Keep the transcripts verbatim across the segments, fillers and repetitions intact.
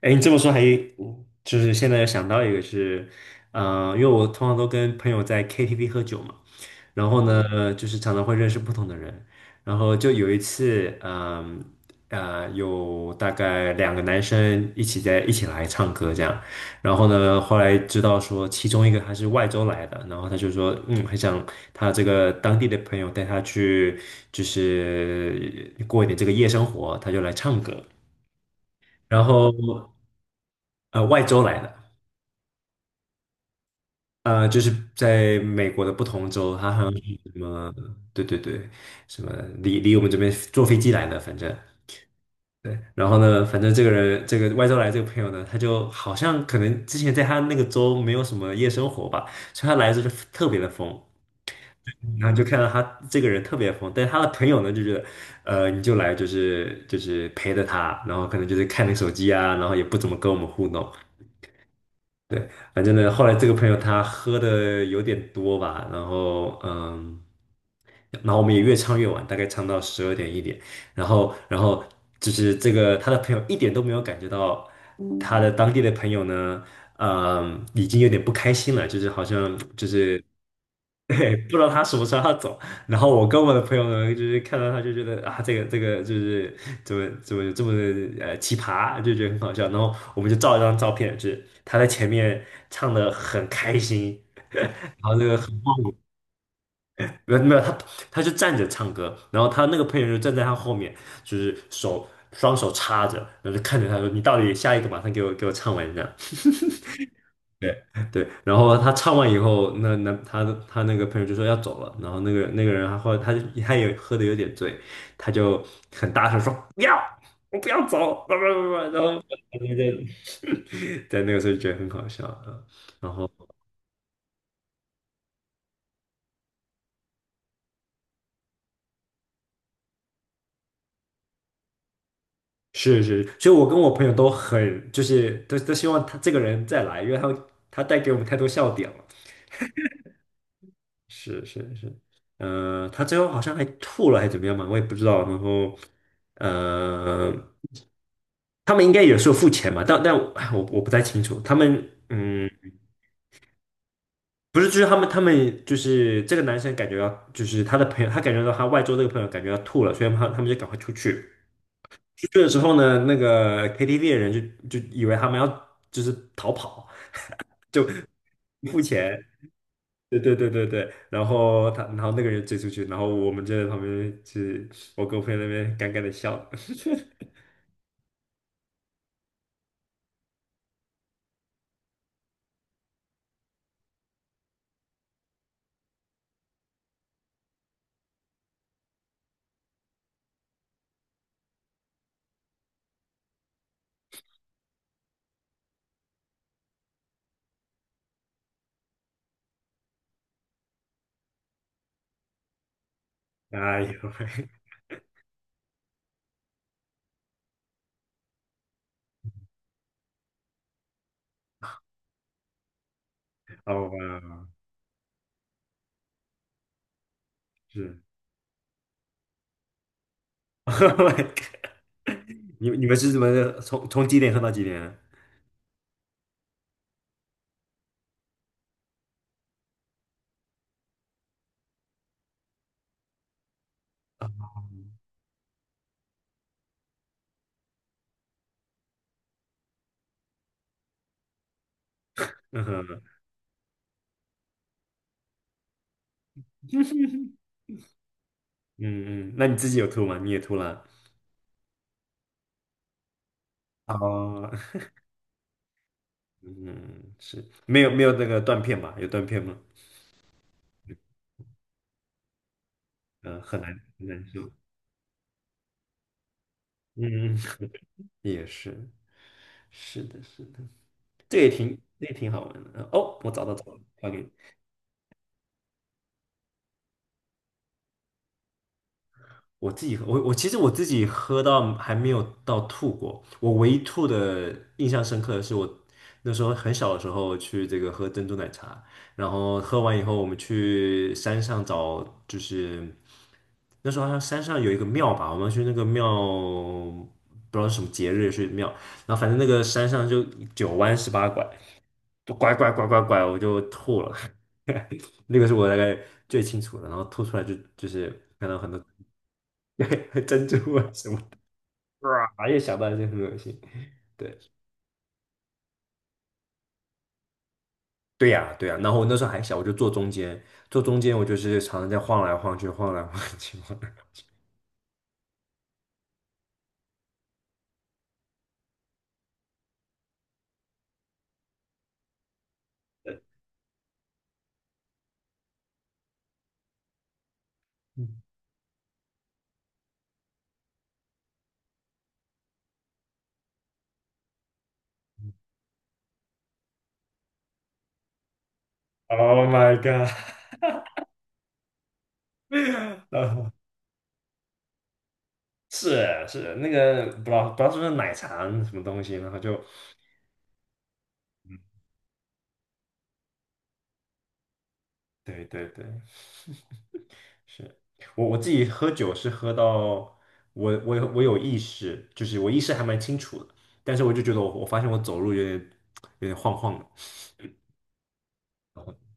哎，你这么说。还就是现在想到一个是，呃，因为我通常都跟朋友在 K T V 喝酒嘛，然后呢，嗯呃就是常常会认识不同的人，然后就有一次，嗯呃，有大概两个男生一起在一起来唱歌这样，然后呢，后来知道说其中一个他是外州来的，然后他就说，嗯，很想他这个当地的朋友带他去，就是过一点这个夜生活，他就来唱歌，然后。呃，外州来的，呃，就是在美国的不同州，他好像是什么，对对对，什么离离我们这边坐飞机来的，反正对。然后呢，反正这个人，这个外州来这个朋友呢，他就好像可能之前在他那个州没有什么夜生活吧，所以他来的时候就特别的疯，然后就看到他这个人特别疯，但是他的朋友呢就觉得，呃，你就来就是就是陪着他，然后可能就是看你手机啊，然后也不怎么跟我们互动。对，反正呢，后来这个朋友他喝的有点多吧，然后嗯，然后我们也越唱越晚，大概唱到十二点一点，然后然后就是这个他的朋友一点都没有感觉到他的当地的朋友呢，嗯，已经有点不开心了，就是好像就是 对，不知道他什么时候要走。然后我跟我的朋友呢，就是看到他就觉得啊，这个这个就是怎么怎么这么呃奇葩，就觉得很好笑。然后我们就照一张照片，就是他在前面唱的很开心，没有没有他。他就站着唱歌，然后他那个朋友就站在他后面，就是手双手插着，然后就看着他说：“你到底下一个马上给我给我唱完这样。”对对，然后他唱完以后，那那他的他那个朋友就说要走了，然后那个那个人，他后来他就他也喝的有点醉，他就很大声说不要，我不要走，不不不，然后在 在那个时候就觉得很好笑啊，嗯然后是是，所以我跟我朋友都很就是都都希望他这个人再来，因为他他带给我们太多笑点了。是是是，呃，他最后好像还吐了，还是怎么样嘛，我也不知道。然后，呃，他们应该也是有时候付钱嘛，但但哎我我不太清楚。他们嗯，不是，就是他们他们就是这个男生感觉要，就是他的朋友，他感觉到他外桌这个朋友感觉要吐了，所以他们他们就赶快出去。出去的时候呢，那个 K T V 的人就就以为他们要就是逃跑，就付钱，对对对对对，然后他，然后那个人追出去，然后我们就在旁边，就是我跟我朋友那边尴尬的笑，哎呦，好吧，是。 ，Oh my God，你你们是怎么从从几点喝到几点啊？嗯哼，嗯嗯，那你自己有吐吗？你也吐了？哦，嗯，是没有没有那个断片吧？有断片吗？嗯、很难很难受，嗯，也是，是的，是的，这也挺这也挺好玩的。哦，我找到找到，发给你。我自己喝，我我其实我自己喝到还没有到吐过。我唯一吐的印象深刻的是我那时候很小的时候去这个喝珍珠奶茶，然后喝完以后我们去山上找，就是那时候好像山上有一个庙吧，我们去那个庙不知道是什么节日去庙，然后反正那个山上就九弯十八拐，就拐拐拐拐拐，我就吐了。那个是我大概最清楚的，然后吐出来就就是看到很多。珍珠啊什么的，哇，一想到就很恶心。对，对呀，对呀。然后我那时候还小，我就坐中间，坐中间我就是常常在晃来晃去，晃来晃去，晃来晃去，嗯 Oh my god！然后是啊是啊那个不知道不知道是不是奶茶什么东西，然后就对对对，是我我自己喝酒是喝到我我有我有意识，就是我意识还蛮清楚的，但是我就觉得我我发现我走路有点有点晃晃的。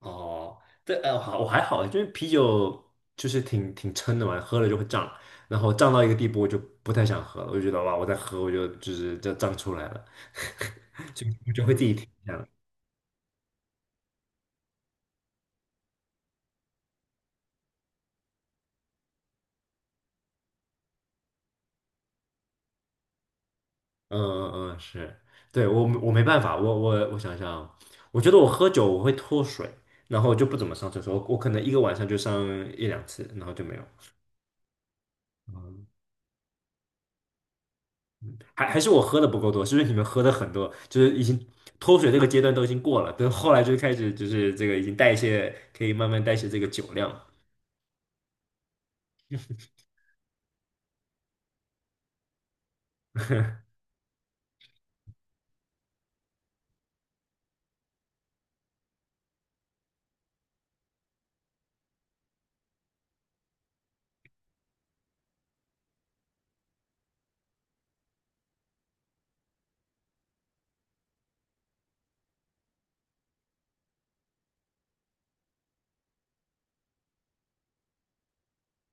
哦，这呃，好，我还好，就是啤酒就是挺挺撑的嘛，喝了就会胀，然后胀到一个地步，我就不太想喝了，我就觉得哇，我再喝我就就是就胀出来了，就我就会自己停下来。嗯嗯嗯，是，对，我我没办法，我我我想想啊，我觉得我喝酒我会脱水，然后就不怎么上厕所，我可能一个晚上就上一两次，然后就没有。还还是我喝的不够多，是不是你们喝的很多，就是已经脱水这个阶段都已经过了，等后来就开始就是这个已经代谢，可以慢慢代谢这个酒量。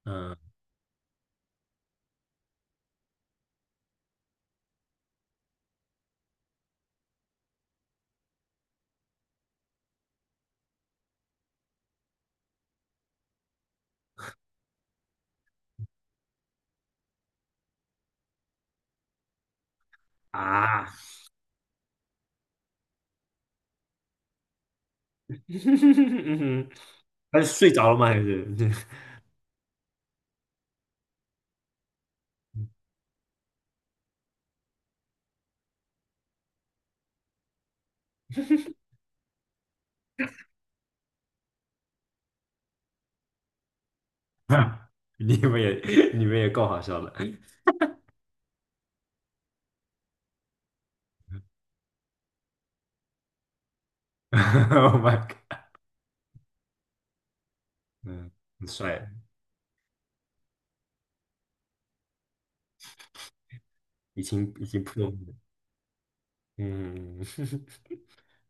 嗯啊，嗯哼，他是睡着了吗？还是 你们也，你们也够好笑的 ，Oh my god，嗯，很帅，已经已经破了，嗯。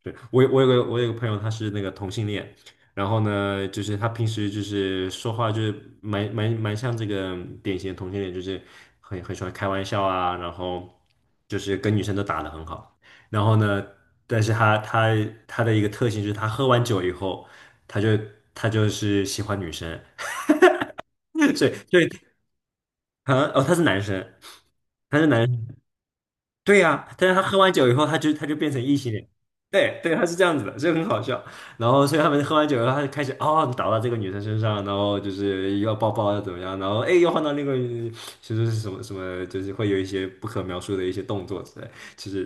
对，我有我有个我有个朋友，他是那个同性恋，然后呢，就是他平时就是说话就是蛮蛮蛮像这个典型的同性恋，就是很很喜欢开玩笑啊，然后就是跟女生都打得很好，然后呢，但是他他他的一个特性就是他喝完酒以后，他就他就是喜欢女生，所以所以啊，哦，他是男生，他是男生。对呀、但是他喝完酒以后，他就他就变成异性恋。对对，他是这样子的，所以很好笑。然后，所以他们喝完酒以后，他就开始哦倒到这个女生身上，然后就是要抱抱要怎么样，然后哎又换到那个，就是什么什么，就是会有一些不可描述的一些动作之类。其实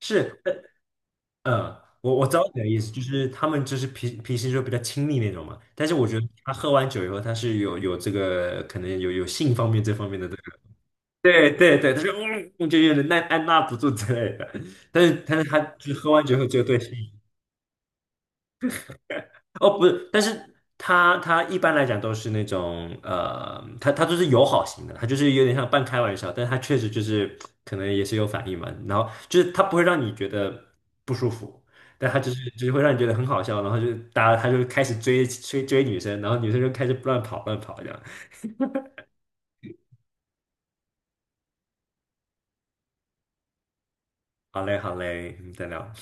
是，呃，呃我我知道你的意思，就是他们就是脾脾气就比较亲密那种嘛。但是我觉得他喝完酒以后，他是有有这个可能有有性方面这方面的。对对对，他就嗯，我就有点按按捺不住之类的。但是但是他就喝完酒后就对心仪，哦，不是，但是他他一般来讲都是那种，呃，他他都是友好型的，他就是有点像半开玩笑，但是他确实就是可能也是有反应嘛。然后就是他不会让你觉得不舒服，但他就是就是会让你觉得很好笑，然后就大家他就开始追追追女生，然后女生就开始乱跑乱跑这样。好嘞好嘞，我们再聊。